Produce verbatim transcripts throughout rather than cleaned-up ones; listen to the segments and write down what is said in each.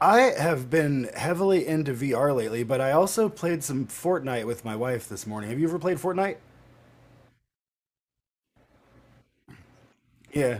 I have been heavily into V R lately, but I also played some Fortnite with my wife this morning. Have you ever played Fortnite? Yeah.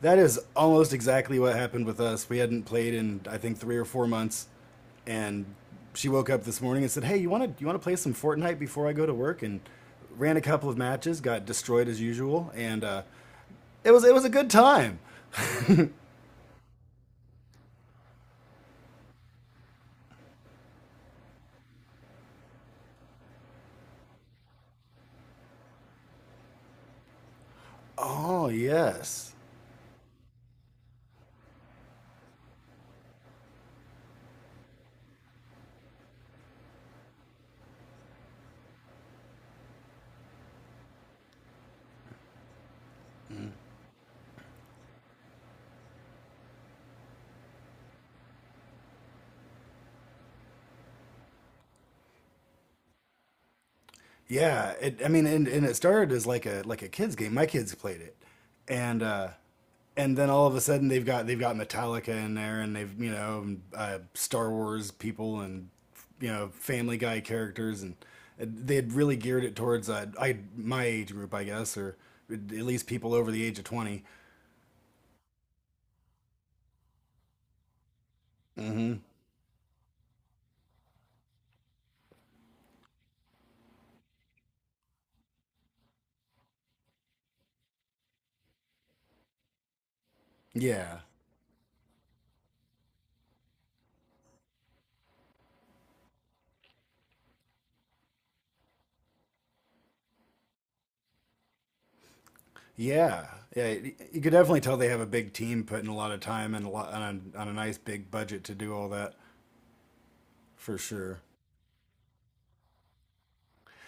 That is almost exactly what happened with us. We hadn't played in I think three or four months, and she woke up this morning and said, "Hey, you want to you want to play some Fortnite before I go to work?" And ran a couple of matches, got destroyed as usual, and uh, it was it was a good time. Oh, yes. Yeah, it, I mean, and, and it started as like a like a kids game. My kids played it, and uh, and then all of a sudden they've got they've got Metallica in there, and they've you know uh, Star Wars people, and you know Family Guy characters, and they had really geared it towards uh, I my age group, I guess, or at least people over the age of twenty. Yeah, yeah, yeah. y- You could definitely tell they have a big team putting a lot of time and a lot on a, on a nice big budget to do all that for sure.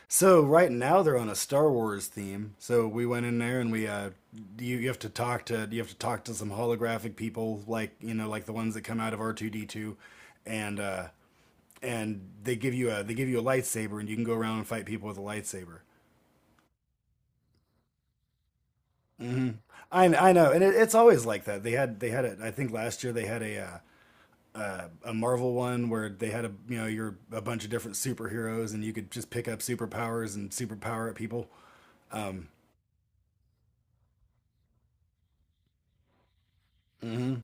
So right now they're on a Star Wars theme. So we went in there and we uh you, you have to talk to you have to talk to some holographic people like you know like the ones that come out of R two D two and uh and they give you a they give you a lightsaber and you can go around and fight people with a lightsaber. hmm I I know, and it, it's always like that. They had they had it I think last year. They had a uh, uh, a Marvel one where they had a you know you're a bunch of different superheroes and you could just pick up superpowers and superpower at people. Um, hmm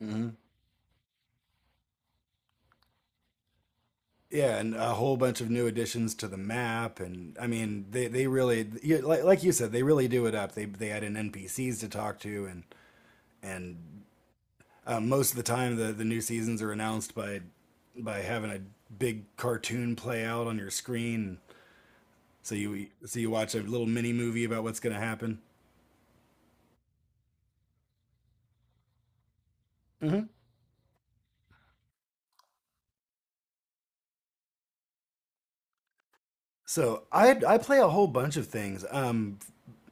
hmm Yeah, and a whole bunch of new additions to the map, and I mean, they they really you- like like you said, they really do it up. They they add in N P Cs to talk to, and and um, most of the time, the the new seasons are announced by by having a big cartoon play out on your screen. So you so you watch a little mini movie about what's going to happen. hmm So I I play a whole bunch of things. Um,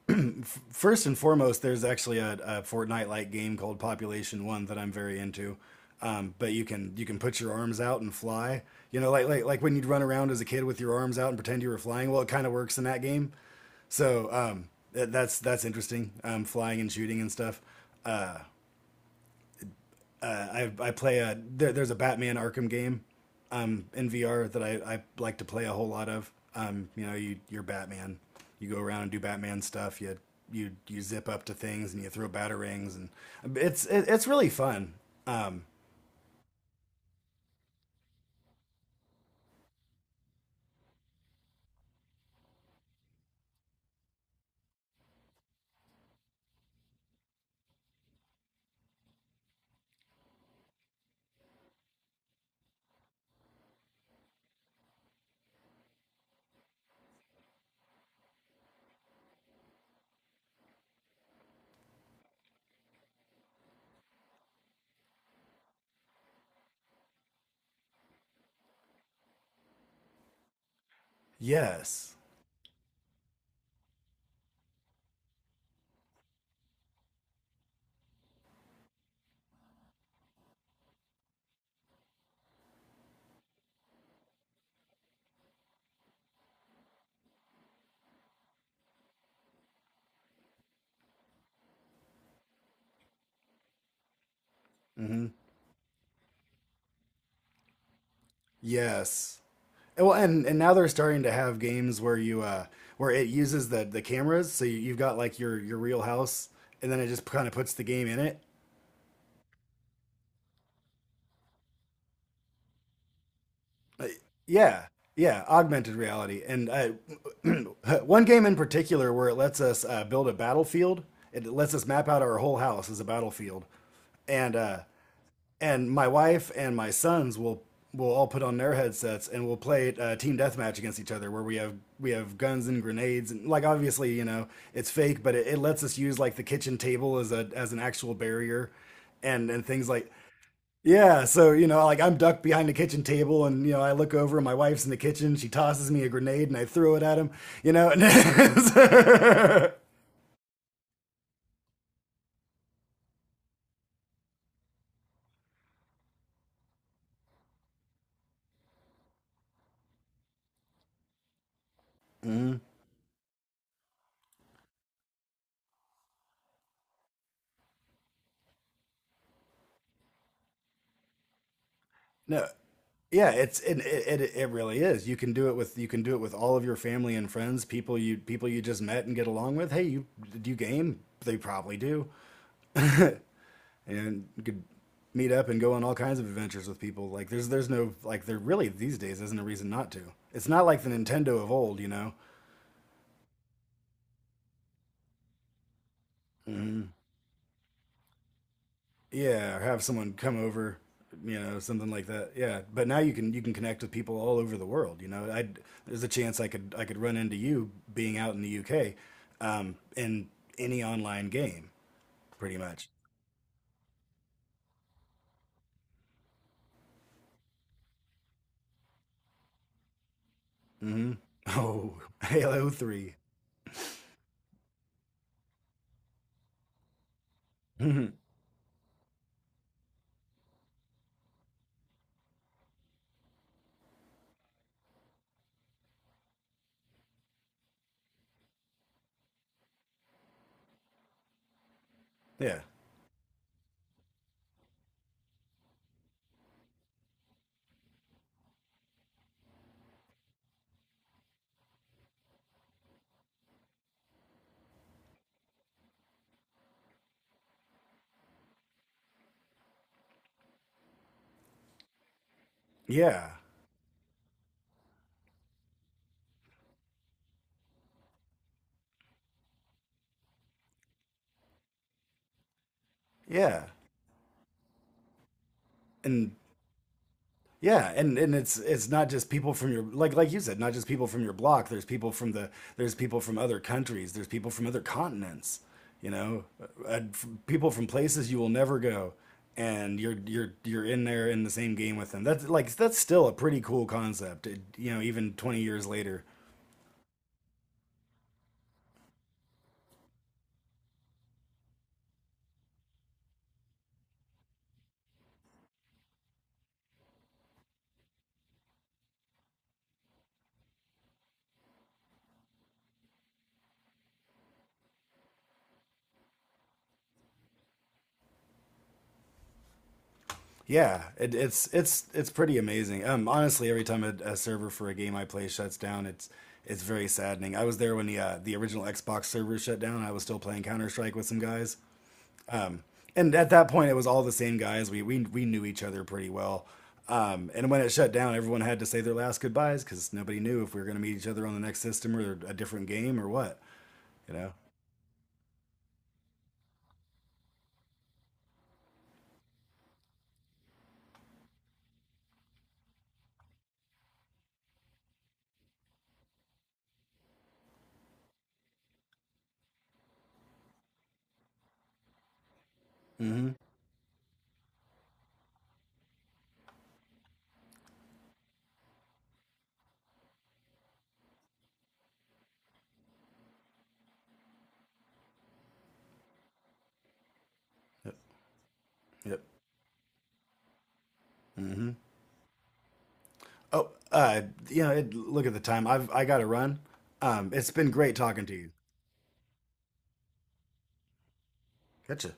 First and foremost, there's actually a, a Fortnite-like game called Population One that I'm very into. Um, but you can you can put your arms out and fly. You know, like like like when you'd run around as a kid with your arms out and pretend you were flying. Well, it kind of works in that game. So um, that- that's that's interesting. Um, flying and shooting and stuff. Uh, uh, I I play a there, there's a Batman Arkham game um, in V R that I, I like to play a whole lot of. Um, you know, you you're Batman. You go around and do Batman stuff. You you you zip up to things and you throw batarangs and it's it, it's really fun. Um, yes, mm hmm yes. Well, and and now they're starting to have games where you uh where it uses the the cameras, so you, you've got like your your real house, and then it just kind of puts the game in it. Yeah, yeah, augmented reality, and uh, one game in particular where it lets us uh, build a battlefield. It lets us map out our whole house as a battlefield, and uh, and my wife and my sons will will all put on their headsets and we'll play uh, team deathmatch against each other, where we have we have guns and grenades, and like obviously you know it's fake, but it, it lets us use like the kitchen table as a as an actual barrier, and and things like yeah. So you know, like I'm ducked behind the kitchen table, and you know, I look over, and my wife's in the kitchen. She tosses me a grenade, and I throw it at him. You know, Mhm. No, yeah, it's it, it it it really is. You can do it with you can do it with all of your family and friends, people you people you just met and get along with. Hey, you do you game? They probably do, and you could meet up and go on all kinds of adventures with people. Like there's there's no, like, there really these days isn't a reason not to. It's not like the Nintendo of old, you know. Yeah, or have someone come over, you know, something like that. Yeah, but now you can you can connect with people all over the world. You know, I there's a chance I could I could run into you being out in the U K, um, in any online game, pretty much. hmm Oh, Halo Three. Mhm. Yeah, yeah, yeah. And yeah, and and it's it's not just people from your, like like you said, not just people from your block. There's people from the there's people from other countries. There's people from other continents. You know, uh, f- people from places you will never go, and you're you're you're in there in the same game with them. That's like that's still a pretty cool concept. It, you know, even twenty years later. Yeah, it, it's it's it's pretty amazing. Um, honestly, every time a, a server for a game I play shuts down, it's it's very saddening. I was there when the uh, the original Xbox server shut down. I was still playing Counter Strike with some guys, and at that point, it was all the same guys. We we we knew each other pretty well. Um, and when it shut down, everyone had to say their last goodbyes because nobody knew if we were going to meet each other on the next system or a different game or what. You know. Mm-hmm. Yep. Yep. Mm-hmm. Oh, uh, you know, it, look at the time. I've I got to run. Um, it's been great talking to you. Gotcha.